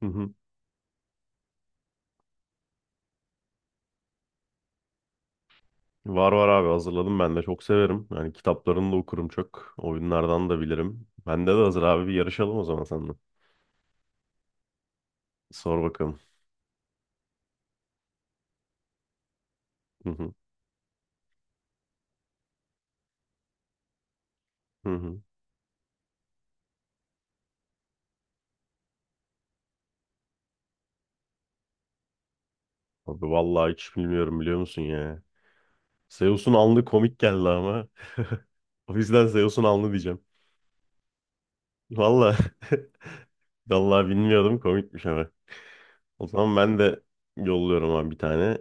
Hı hı. Var var abi hazırladım ben de çok severim. Yani kitaplarını da okurum çok. Oyunlardan da bilirim. Bende de hazır abi bir yarışalım o zaman seninle. Sor bakalım. Hı hı. Hı hı. Abi vallahi hiç bilmiyorum biliyor musun ya. Zeus'un alnı komik geldi ama. O yüzden Zeus'un alnı diyeceğim. Vallahi vallahi bilmiyordum komikmiş ama. O zaman ben de yolluyorum abi bir tane.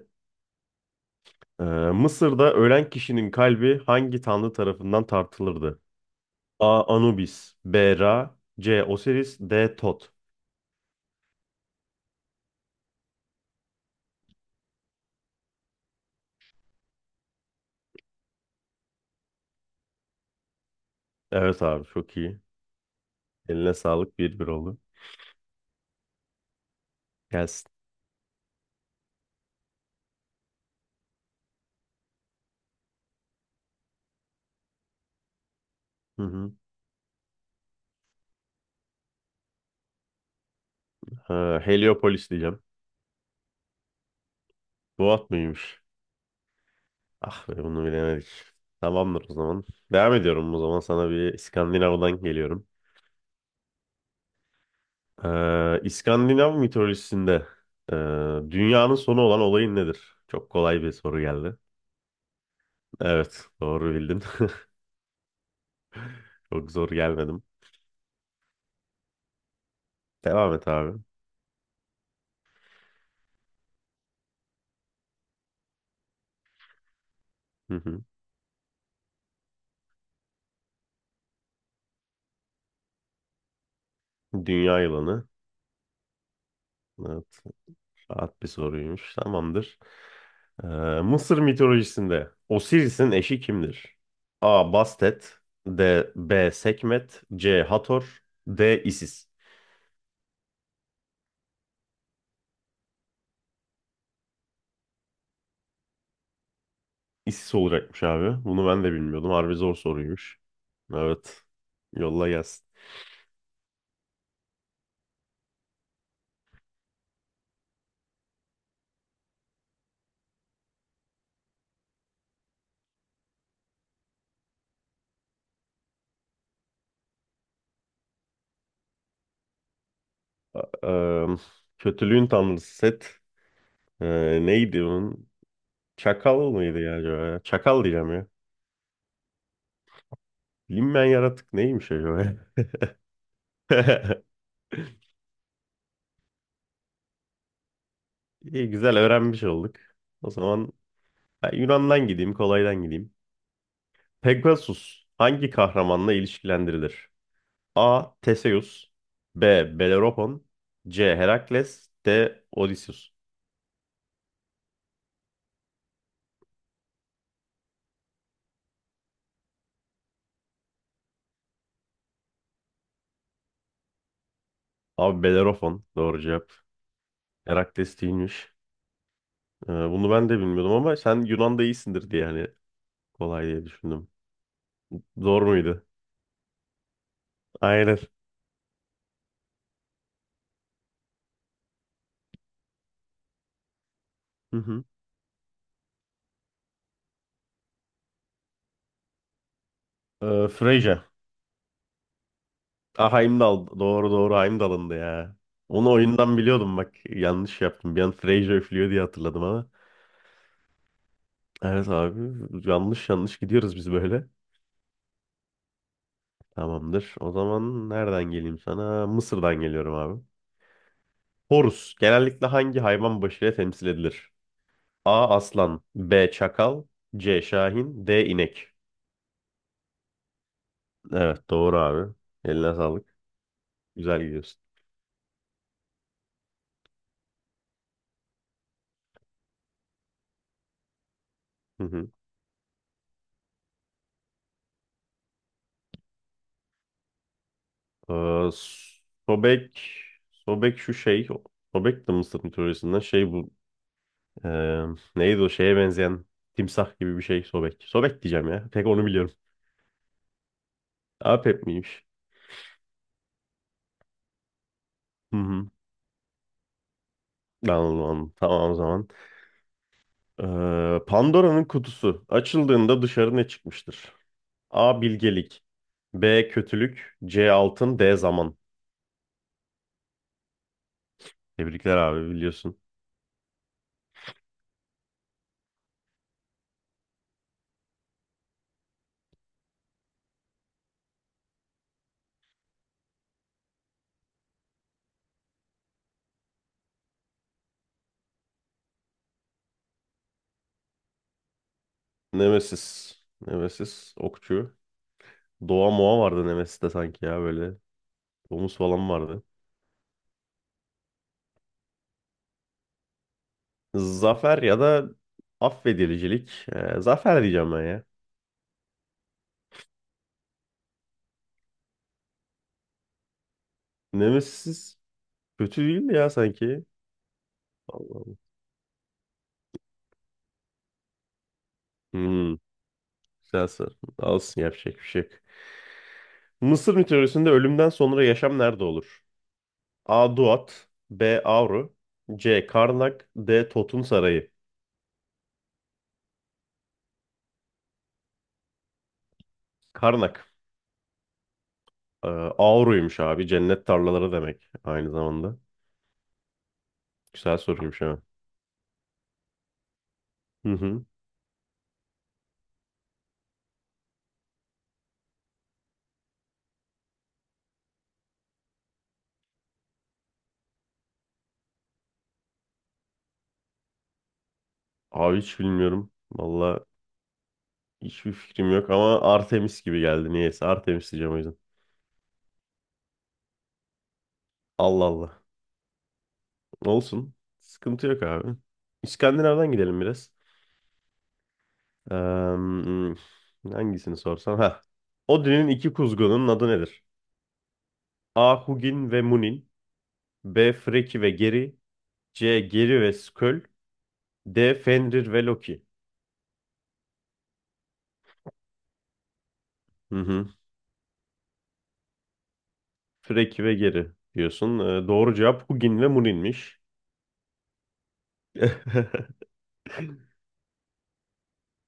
Ee, Mısır'da ölen kişinin kalbi hangi tanrı tarafından tartılırdı? A. Anubis. B. Ra. C. Osiris. D. Tot. Evet abi çok iyi. Eline sağlık. Bir bir oldu. Gelsin. Hı hı. Ha, Heliopolis diyeceğim. Bu at mıymış? Ah be bunu bilemedik. Tamamdır o zaman. Devam ediyorum o zaman. Sana bir İskandinav'dan geliyorum. İskandinav mitolojisinde ee, dünyanın sonu olan olayın nedir? Çok kolay bir soru geldi. Evet doğru bildin. Çok zor gelmedim. Devam et abi. Hı hı. Dünya yılanı. Evet. Rahat bir soruymuş. Tamamdır. Ee, Mısır mitolojisinde Osiris'in eşi kimdir? A. Bastet D. B. Sekmet C. Hator D. Isis. Isis olacakmış abi. Bunu ben de bilmiyordum. Harbi zor soruymuş. Evet. Yolla gelsin. Ee, kötülüğün tanrısı Set. Neydi onun? Çakal mıydı ya acaba? Ya? Çakal diyeceğim ya. Bilinmeyen yaratık neymiş acaba? Ya? İyi güzel öğrenmiş olduk. O zaman ben Yunan'dan gideyim, kolaydan gideyim. Pegasus hangi kahramanla ilişkilendirilir? A. Theseus B. Bellerophon C. Herakles D. Odysseus. Abi Bellerophon doğru cevap. Herakles değilmiş. Bunu ben de bilmiyordum ama sen Yunan'da iyisindir diye hani kolay diye düşündüm. Zor muydu? Aynen. Hı hı. Freyja. Ah Heimdall. Doğru doğru Heimdall'ındı ya. Onu oyundan biliyordum bak. Yanlış yaptım. Bir an Freyja üflüyor diye hatırladım ama. Evet abi yanlış yanlış gidiyoruz biz böyle. Tamamdır. O zaman nereden geleyim sana? Mısır'dan geliyorum abi. Horus genellikle hangi hayvan başıyla temsil edilir? A. Aslan B. Çakal C. Şahin D. İnek. Evet doğru abi. Eline sağlık. Güzel gidiyorsun. Hı hı. Ee, Sobek Sobek şu şey Sobek de Mısır mitolojisinden şey bu ee, neydi o şeye benzeyen timsah gibi bir şey Sobek. Sobek diyeceğim ya. Tek onu biliyorum. Apep miymiş? Hı hı. Tamam, tamam o zaman. Pandora'nın kutusu açıldığında dışarı ne çıkmıştır? A. Bilgelik B. Kötülük C. Altın D. Zaman. Tebrikler abi biliyorsun. Nemesis. Nemesis. Okçu. Doğa Moğa vardı Nemesis'te sanki ya böyle. Domuz falan vardı. Zafer ya da affedilicilik. Zafer diyeceğim ben ya. Nemesis kötü değil mi ya sanki? Allah Allah. Hmm, güzel soru. Olsun yapacak bir şey yok. Mısır mitolojisinde ölümden sonra yaşam nerede olur? A. Duat B. Avru C. Karnak D. Totun Sarayı. Karnak. Ee, Auru'ymuş abi. Cennet tarlaları demek aynı zamanda. Güzel soruymuş ha. Hı hı. Abi hiç bilmiyorum. Valla hiçbir fikrim yok ama Artemis gibi geldi niyeyse. Artemis diyeceğim o yüzden. Allah Allah. Olsun. Sıkıntı yok abi. İskandinav'dan gidelim biraz. Ee, hangisini sorsam? Ha. Odin'in iki kuzgunun adı nedir? A. Hugin ve Munin B. Freki ve Geri C. Geri ve Sköll D. Fenrir ve Loki. Hı hı. Freki ve Geri diyorsun. Doğru cevap Hugin ve Munin'miş.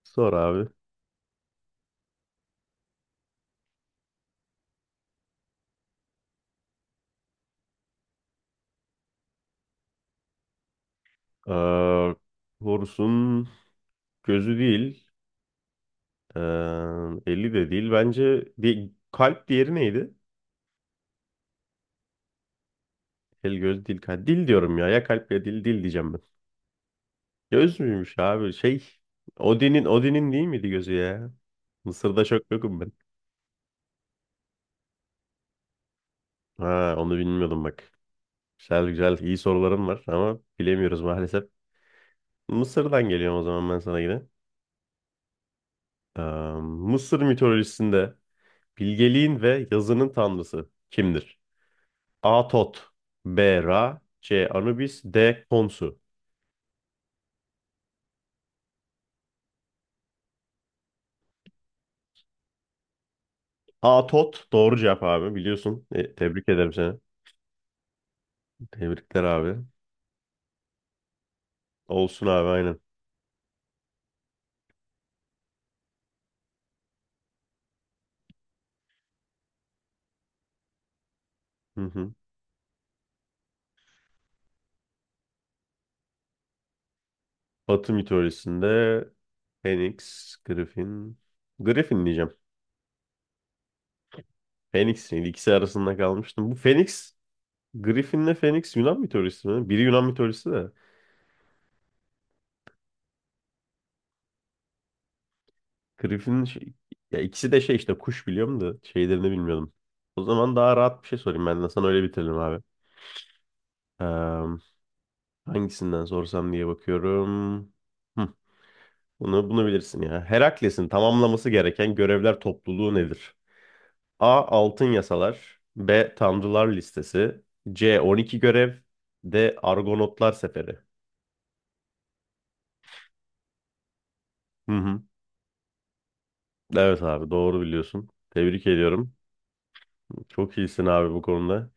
Sor abi. Ee, Horus'un gözü değil. ee, eli de değil. Bence kalp diğeri neydi? El, göz, dil, kalp. Dil diyorum ya. Ya kalp ya dil. Dil diyeceğim ben. Göz müymüş abi? Şey. Odin'in değil miydi gözü ya? Mısır'da çok yokum ben. Ha, onu bilmiyordum bak. Güzel güzel iyi soruların var ama bilemiyoruz maalesef. Mısır'dan geliyorum o zaman ben sana yine. Ee, Mısır mitolojisinde bilgeliğin ve yazının tanrısı kimdir? A. Tot, B. Ra, C. Anubis, D. Khonsu. A. Tot doğru cevap abi biliyorsun. Tebrik ederim seni. Tebrikler abi. Olsun abi aynen. Hı hı. Batı mitolojisinde Phoenix, Griffin. Griffin diyeceğim. Phoenix değil, ikisi arasında kalmıştım. Bu Phoenix Griffin'le Phoenix Yunan mitolojisi mi? Biri Yunan mitolojisi de. Griffin şey- ya ikisi de şey işte kuş biliyorum da şeylerini bilmiyordum. O zaman daha rahat bir şey sorayım ben de sana öyle bitirelim abi. Ee, hangisinden sorsam diye bakıyorum. Hı, bunu bilirsin ya. Herakles'in tamamlaması gereken görevler topluluğu nedir? A. Altın yasalar. B. Tanrılar listesi. C. 12 görev. D. Argonotlar seferi. Hı hı. Evet abi doğru biliyorsun. Tebrik ediyorum. Çok iyisin abi bu konuda.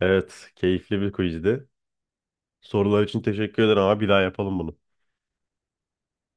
Evet, keyifli bir quizdi. Sorular için teşekkür ederim ama bir daha yapalım bunu.